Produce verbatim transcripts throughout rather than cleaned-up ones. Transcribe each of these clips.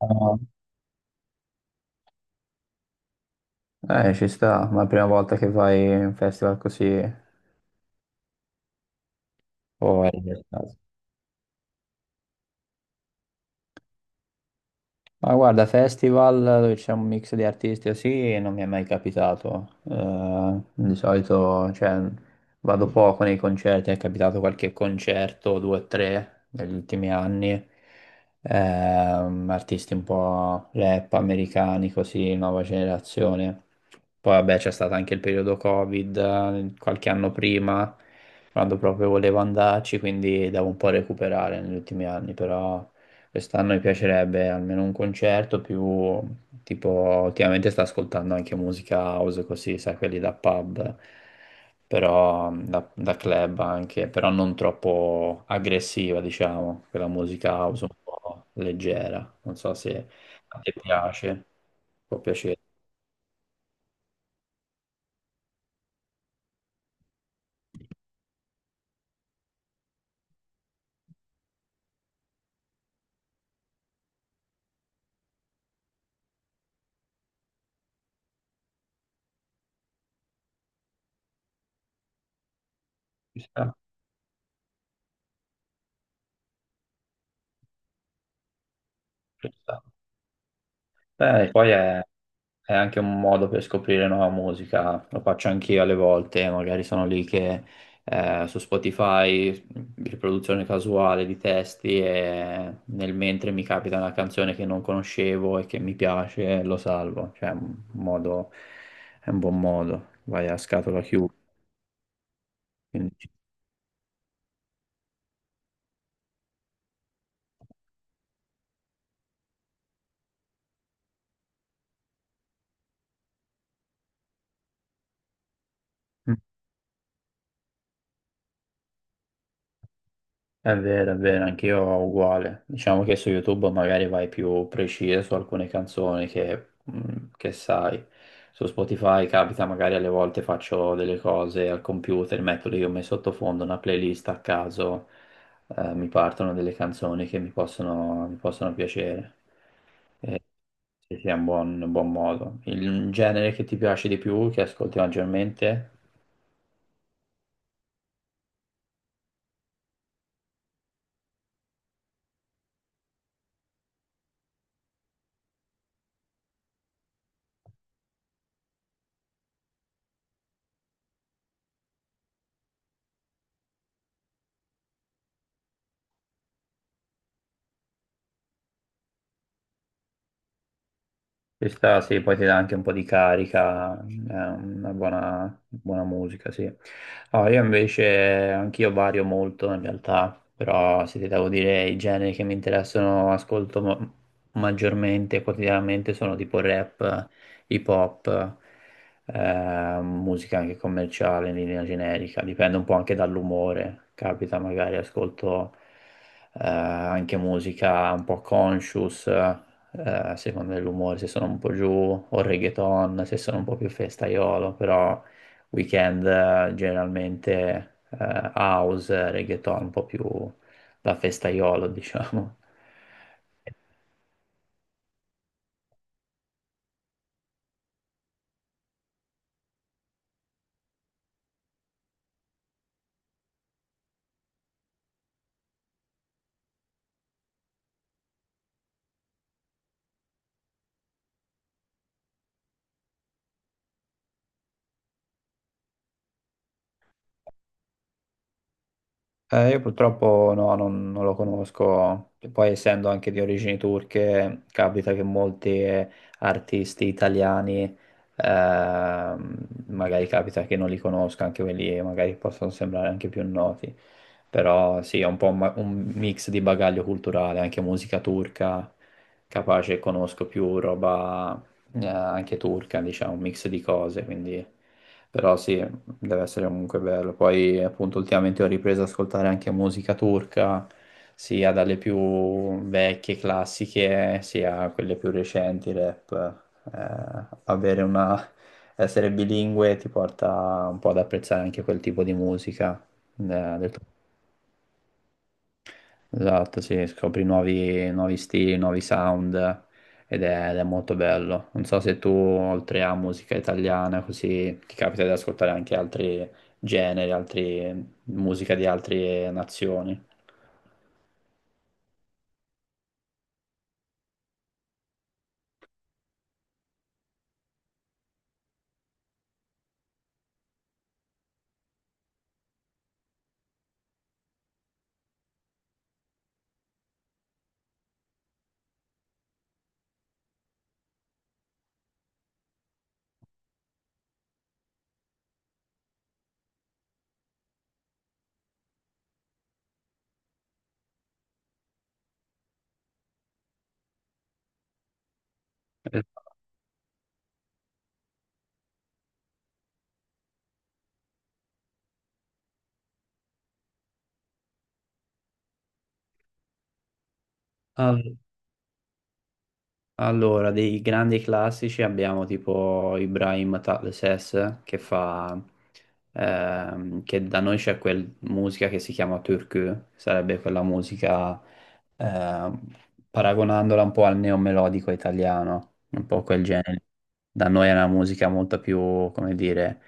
No. Eh, ci sta, ma è la prima volta che vai in un festival così o è il caso? Ma guarda, festival dove c'è un mix di artisti così non mi è mai capitato. Eh, di solito, cioè, vado poco nei concerti, è capitato qualche concerto, due o tre, negli ultimi anni. Ehm, artisti un po' rap americani, così, nuova generazione. Poi vabbè c'è stato anche il periodo Covid, eh, qualche anno prima, quando proprio volevo andarci, quindi devo un po' recuperare negli ultimi anni, però... Quest'anno mi piacerebbe almeno un concerto più tipo ultimamente sto ascoltando anche musica house così, sai, quelli da pub, però da, da club anche, però non troppo aggressiva, diciamo, quella musica house un po' leggera. Non so se a te piace, può piacere. Ci sta, ci sta. Beh, poi è, è anche un modo per scoprire nuova musica, lo faccio anch'io alle volte, magari sono lì che eh, su Spotify, riproduzione casuale di testi e nel mentre mi capita una canzone che non conoscevo e che mi piace, lo salvo, cioè è un modo, è un buon modo, vai a scatola chiusa. quindi- È vero, è vero, anch'io uguale. Diciamo che su YouTube magari vai più preciso su alcune canzoni che, mh, che sai. Su Spotify capita, magari alle volte faccio delle cose al computer, metto lì come sottofondo una playlist a caso, eh, mi partono delle canzoni che mi possono, mi possono piacere. E sì, sì, è un buon, un buon modo. Il genere che ti piace di più, che ascolti maggiormente? Ci sta, sì, poi ti dà anche un po' di carica, è una buona, buona musica, sì. Ah, io invece, anch'io vario molto in realtà, però se ti devo dire i generi che mi interessano, ascolto ma- maggiormente, quotidianamente, sono tipo rap, hip hop, eh, musica anche commerciale in linea generica, dipende un po' anche dall'umore, capita magari ascolto eh, anche musica un po' conscious eh, secondo l'umore, se sono un po' giù, o reggaeton, se sono un po' più festaiolo, però weekend eh, generalmente eh, house, reggaeton, un po' più da festaiolo, diciamo. Eh, io purtroppo no, non, non lo conosco. E poi essendo anche di origini turche, capita che molti eh, artisti italiani, ehm, magari capita che non li conosca, anche quelli magari possono sembrare anche più noti. Però sì, è un po' un, ma- un mix di bagaglio culturale, anche musica turca, capace conosco più roba eh, anche turca, diciamo, un mix di cose, quindi... Però sì, deve essere comunque bello. Poi appunto ultimamente ho ripreso ad ascoltare anche musica turca, sia dalle più vecchie classiche, sia quelle più recenti, rap. Eh, avere una... essere bilingue ti porta un po' ad apprezzare anche quel tipo di musica eh, del Esatto, sì, scopri nuovi, nuovi stili, nuovi sound ed è, ed è molto bello. Non so se tu, oltre a musica italiana, così ti capita di ascoltare anche altri generi, altri, musica di altre nazioni. Eh, Ah. Allora, dei grandi classici abbiamo tipo Ibrahim Tatlıses che fa, ehm, che da noi c'è quella musica che si chiama türkü, sarebbe quella musica ehm, paragonandola un po' al neomelodico italiano, un po' quel genere. Da noi è una musica molto più, come dire,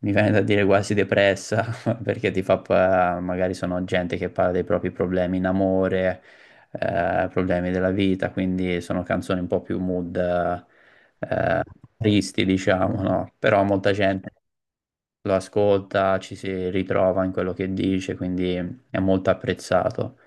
mi viene da dire quasi depressa, perché ti fa, pa- magari sono gente che parla dei propri problemi in amore, eh, problemi della vita, quindi sono canzoni un po' più mood, eh, tristi, diciamo, no? Però molta gente lo ascolta, ci si ritrova in quello che dice, quindi è molto apprezzato.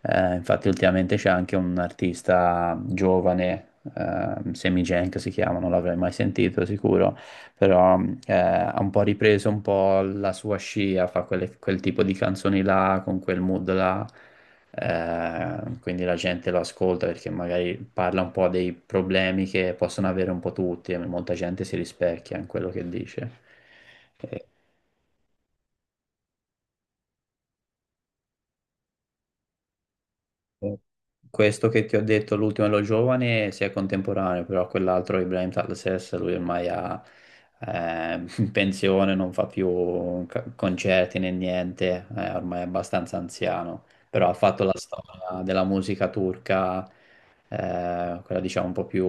Eh, infatti ultimamente c'è anche un artista giovane, ehm, Semi Jenk si chiama, non l'avrei mai sentito sicuro, però eh, ha un po' ripreso un po' la sua scia, fa quelle- quel tipo di canzoni là, con quel mood là eh, quindi la gente lo ascolta perché magari parla un po' dei problemi che possono avere un po' tutti e molta gente si rispecchia in quello che dice. Questo che ti ho detto, l'ultimo è lo giovane, si è contemporaneo, però quell'altro, Ibrahim Tatlases, lui ormai ha eh, in pensione, non fa più ca- concerti né niente, è ormai è abbastanza anziano, però ha fatto la storia della musica turca, eh, quella diciamo un po' più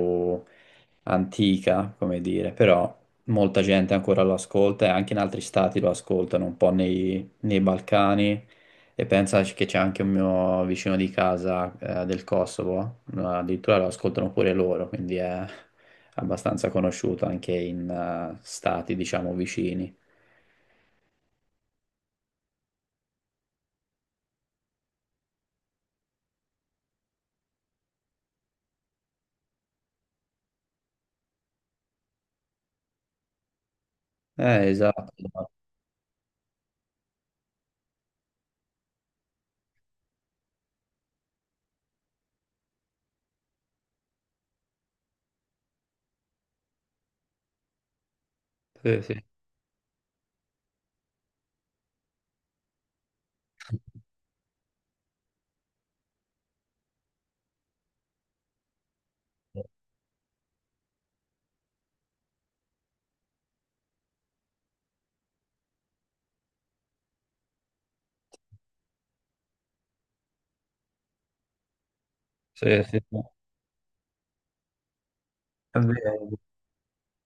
antica, come dire, però molta gente ancora lo ascolta e anche in altri stati lo ascoltano, un po' nei nei Balcani. E pensa che c'è anche un mio vicino di casa eh, del Kosovo, eh, addirittura lo ascoltano pure loro, quindi è abbastanza conosciuto anche in eh, stati, diciamo, vicini. Eh, esatto, esatto. Sì, sì, sì, sì, sì. È vero,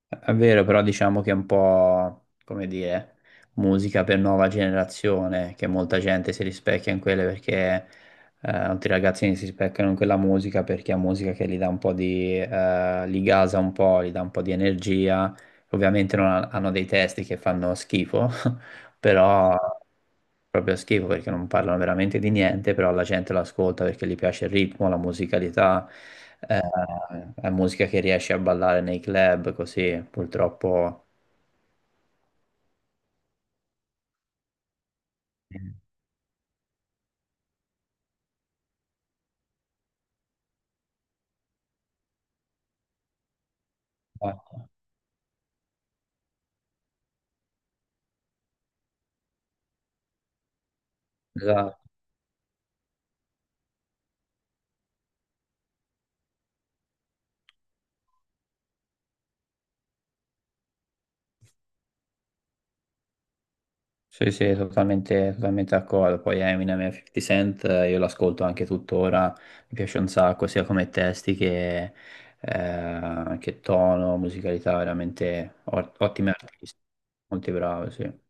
è vero, però diciamo che è un po', come dire, musica per nuova generazione, che molta gente si rispecchia in quelle perché eh, molti ragazzini si specchiano in quella musica perché è musica che gli dà un po' di, eh, li gasa un po', gli dà un po' di energia. Ovviamente non ha- hanno dei testi che fanno schifo, però proprio schifo perché non parlano veramente di niente, però la gente lo ascolta perché gli piace il ritmo, la musicalità, eh, è musica che riesce a ballare nei club, così purtroppo... Esatto. Sì, sì, totalmente, totalmente d'accordo. Poi Eminem e fifty Cent, eh, io l'ascolto anche tuttora, mi piace un sacco, sia come testi che, eh, che tono, musicalità, veramente ot- ottimi artisti, molto bravi, sì.